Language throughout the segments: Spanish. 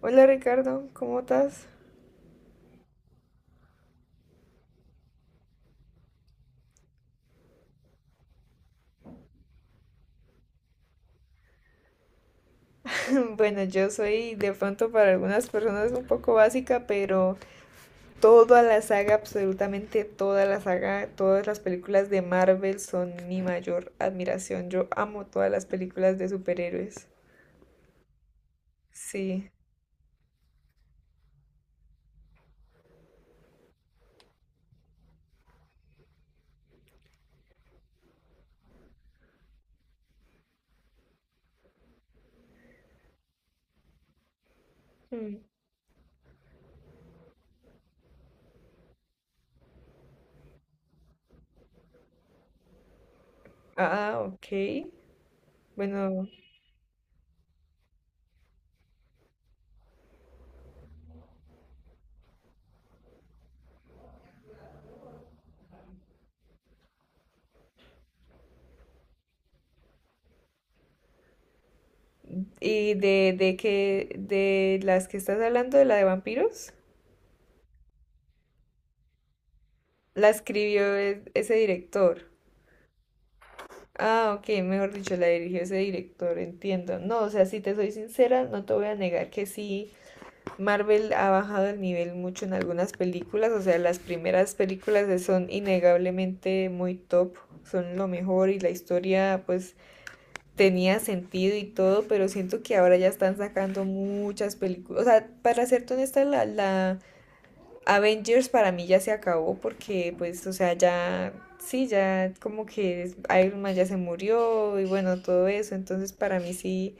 Hola Ricardo, ¿cómo estás? Bueno, yo soy de pronto para algunas personas un poco básica, pero toda la saga, absolutamente toda la saga, todas las películas de Marvel son mi mayor admiración. Yo amo todas las películas de superhéroes. Sí. Mm. Ah, ok. Bueno, ¿y de qué, de las que estás hablando, de la de vampiros? La escribió ese director. Ah, ok, mejor dicho, la dirigió ese director, entiendo. No, o sea, si te soy sincera, no te voy a negar que sí, Marvel ha bajado el nivel mucho en algunas películas, o sea, las primeras películas de- son innegablemente muy top, son lo mejor y la historia pues tenía sentido y todo, pero siento que ahora ya están sacando muchas películas, o sea, para serte honesta, la Avengers para mí ya se acabó porque, pues, o sea, ya, sí, ya como que Iron Man ya se murió y bueno, todo eso. Entonces, para mí sí,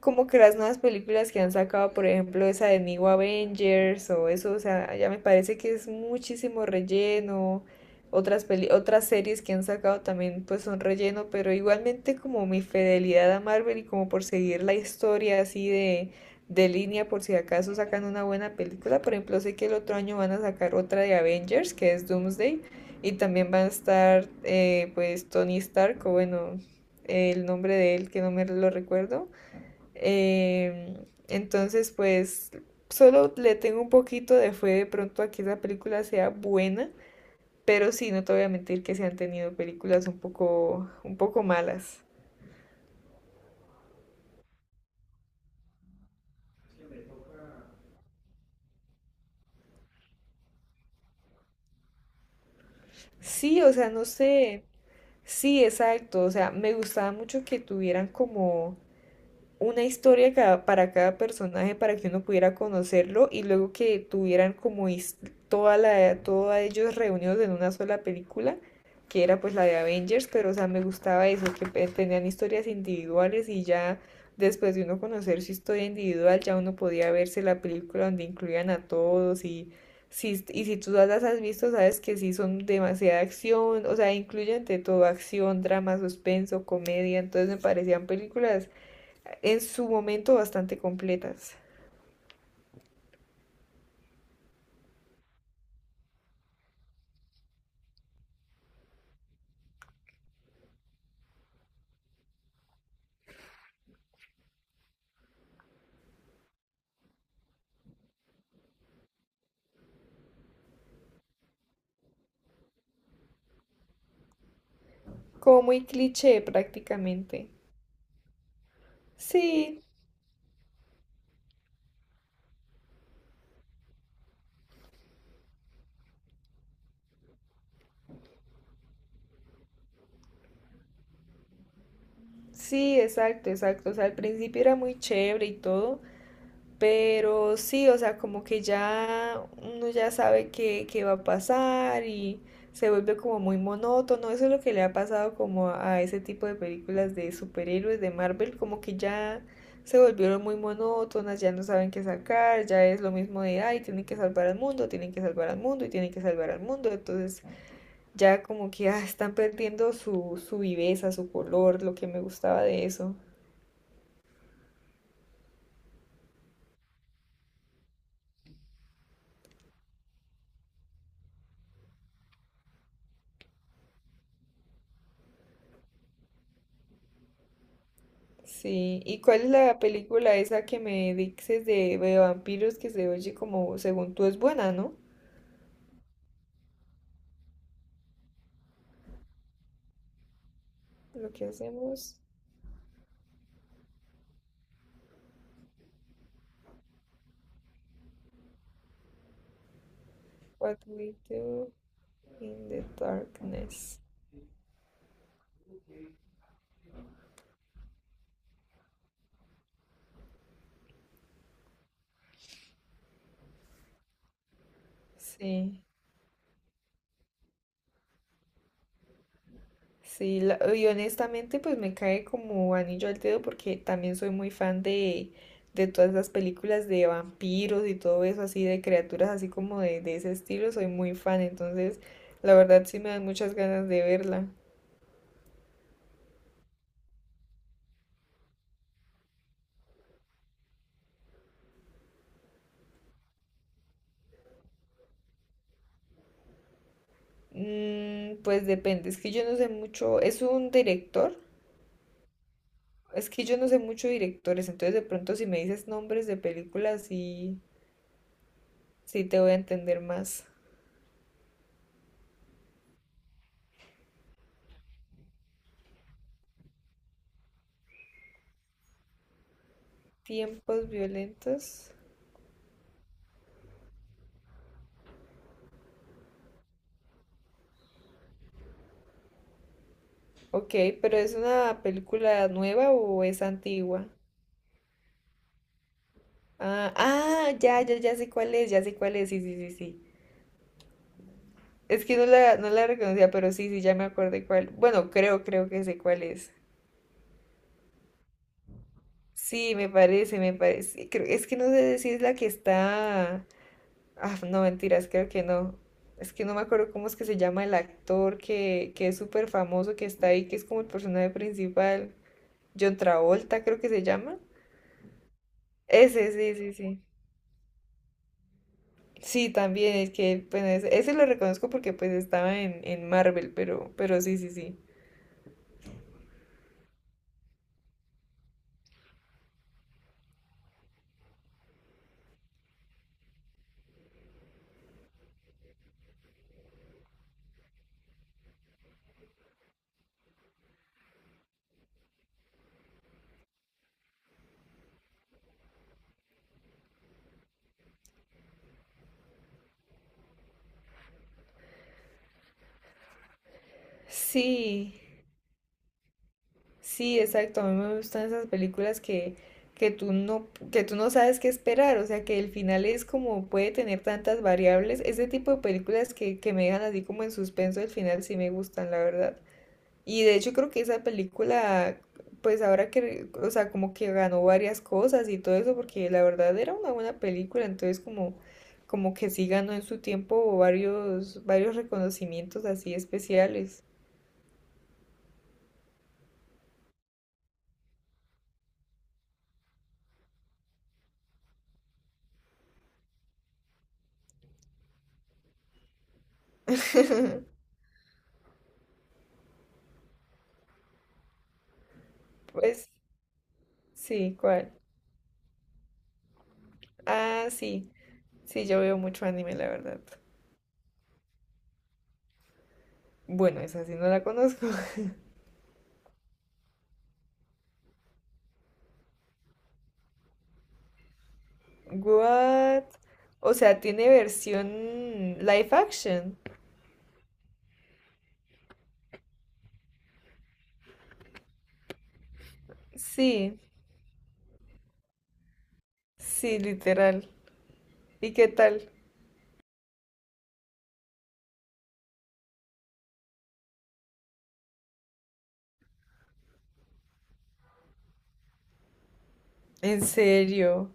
como que las nuevas películas que han sacado, por ejemplo, esa de New Avengers o eso, o sea, ya me parece que es muchísimo relleno. Otras peli- otras series que han sacado también pues son relleno, pero igualmente como mi fidelidad a Marvel y como por seguir la historia así de línea por si acaso sacan una buena película. Por ejemplo, sé que el otro año van a sacar otra de Avengers, que es Doomsday, y también va a estar pues Tony Stark, o bueno, el nombre de él que no me lo recuerdo eh, entonces, pues solo le tengo un poquito de fe de pronto a que esa película sea buena, pero sí, no te voy a mentir que se han tenido películas un poco malas. Sí, o sea, no sé. Sí, exacto. O sea, me gustaba mucho que tuvieran como una historia cada- para cada personaje para que uno pudiera conocerlo y luego que tuvieran como his- toda la, todos ellos reunidos en una sola película, que era pues la de Avengers, pero o sea, me gustaba eso, que pe- tenían historias individuales y ya después de uno conocer su historia individual, ya uno podía verse la película donde incluían a todos y si tú las has visto, sabes que sí son demasiada acción, o sea, incluyen de todo acción, drama, suspenso, comedia, entonces me parecían películas en su momento bastante completas. Como muy cliché prácticamente. Sí, sí, exacto, exacto. O sea, al principio era muy chévere y todo. Pero sí, o sea, como que ya uno ya sabe qué, qué va a pasar y se vuelve como muy monótono. Eso es lo que le ha pasado como a ese tipo de películas de superhéroes de Marvel, como que ya se volvieron muy monótonas, ya no saben qué sacar, ya es lo mismo de, ay, tienen que salvar al mundo, tienen que salvar al mundo y tienen que salvar al mundo. Entonces ya como que ah, están perdiendo su, su viveza, su color, lo que me gustaba de eso. Sí, ¿y cuál es la película esa que me dices de vampiros que se oye como, según tú, es buena, ¿no? Lo que hacemos, What We Do in the Darkness. Sí, sí, la- y honestamente pues me cae como anillo al dedo porque también soy muy fan de todas las películas de vampiros y todo eso así, de criaturas así como de ese estilo, soy muy fan, entonces la verdad sí me dan muchas ganas de verla. Mm, pues depende, es que yo no sé mucho, es un director, es que yo no sé mucho de directores, entonces de pronto si me dices nombres de películas sí, sí te voy a entender más. Tiempos violentos. Ok, pero ¿es una película nueva o es antigua? Ah, ah, ya, ya, ya sé cuál es, ya sé cuál es, sí, sí, sí, sí. Es que no la, no la reconocía, pero sí, sí, ya me acordé cuál. Bueno, creo, creo que sé cuál es. Sí, me parece, me parece. Creo, es que no sé si es la que está. Ah, no, mentiras, creo que no. Es que no me acuerdo cómo es que se llama el actor que es súper famoso, que está ahí, que es como el personaje principal. John Travolta, creo que se llama. Ese, sí, sí, sí. Sí, también, es que, bueno, ese lo reconozco porque pues estaba en Marvel, pero sí, sí, sí. Sí, sí, exacto. A mí me gustan esas películas que, que tú no sabes qué esperar. O sea, que el final es como puede tener tantas variables. Ese tipo de películas que me dejan así como en suspenso el final sí me gustan, la verdad. Y de hecho creo que esa película, pues ahora que, re- o sea, como que ganó varias cosas y todo eso, porque la verdad era una buena película. Entonces como, como que sí ganó en su tiempo varios, varios reconocimientos así especiales. Pues sí, ¿cuál? Ah, sí. Sí, yo veo mucho anime, la verdad. Bueno, esa sí no la conozco. What? O sea, tiene versión live action. Sí, sí, literal. ¿Y qué tal? ¿En serio?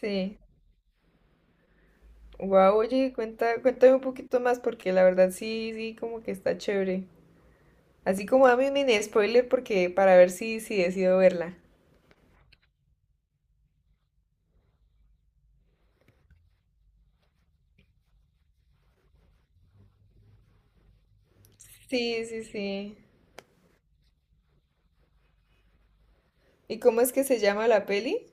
Sí. Wow, oye, cuenta, cuéntame un poquito más porque la verdad sí, sí, como que está chévere. Así como dame un mini spoiler porque para ver si, si decido verla. Sí, sí, sí. ¿Y cómo es que se llama la peli?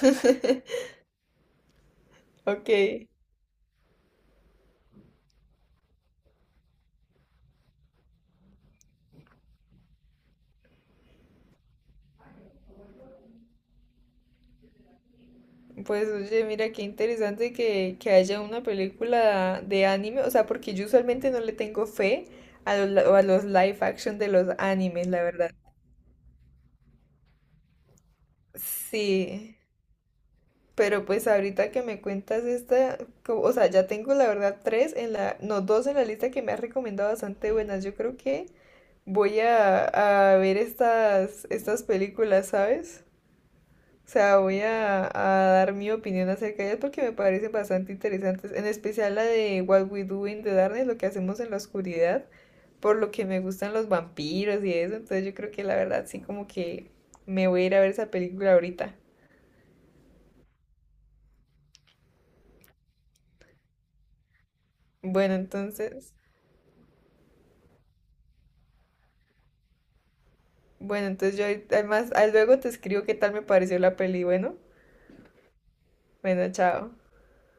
Ok. Pues oye, mira qué interesante que haya una película de anime, o sea, porque yo usualmente no le tengo fe a los, li- a los live action de los animes, la verdad. Sí, pero pues ahorita que me cuentas esta, co- o sea, ya tengo la verdad tres en la, no, dos en la lista que me has recomendado bastante buenas. Yo creo que voy a ver estas, estas películas, ¿sabes? O sea, voy a dar mi opinión acerca de ellas porque me parecen bastante interesantes, en especial la de What We Do in the Darkness, lo que hacemos en la oscuridad, por lo que me gustan los vampiros y eso, entonces yo creo que la verdad sí como que me voy a ir a ver esa película ahorita. Bueno, entonces, bueno, entonces yo ahorita- además, ah, luego te escribo qué tal me pareció la peli, bueno, bueno, chao.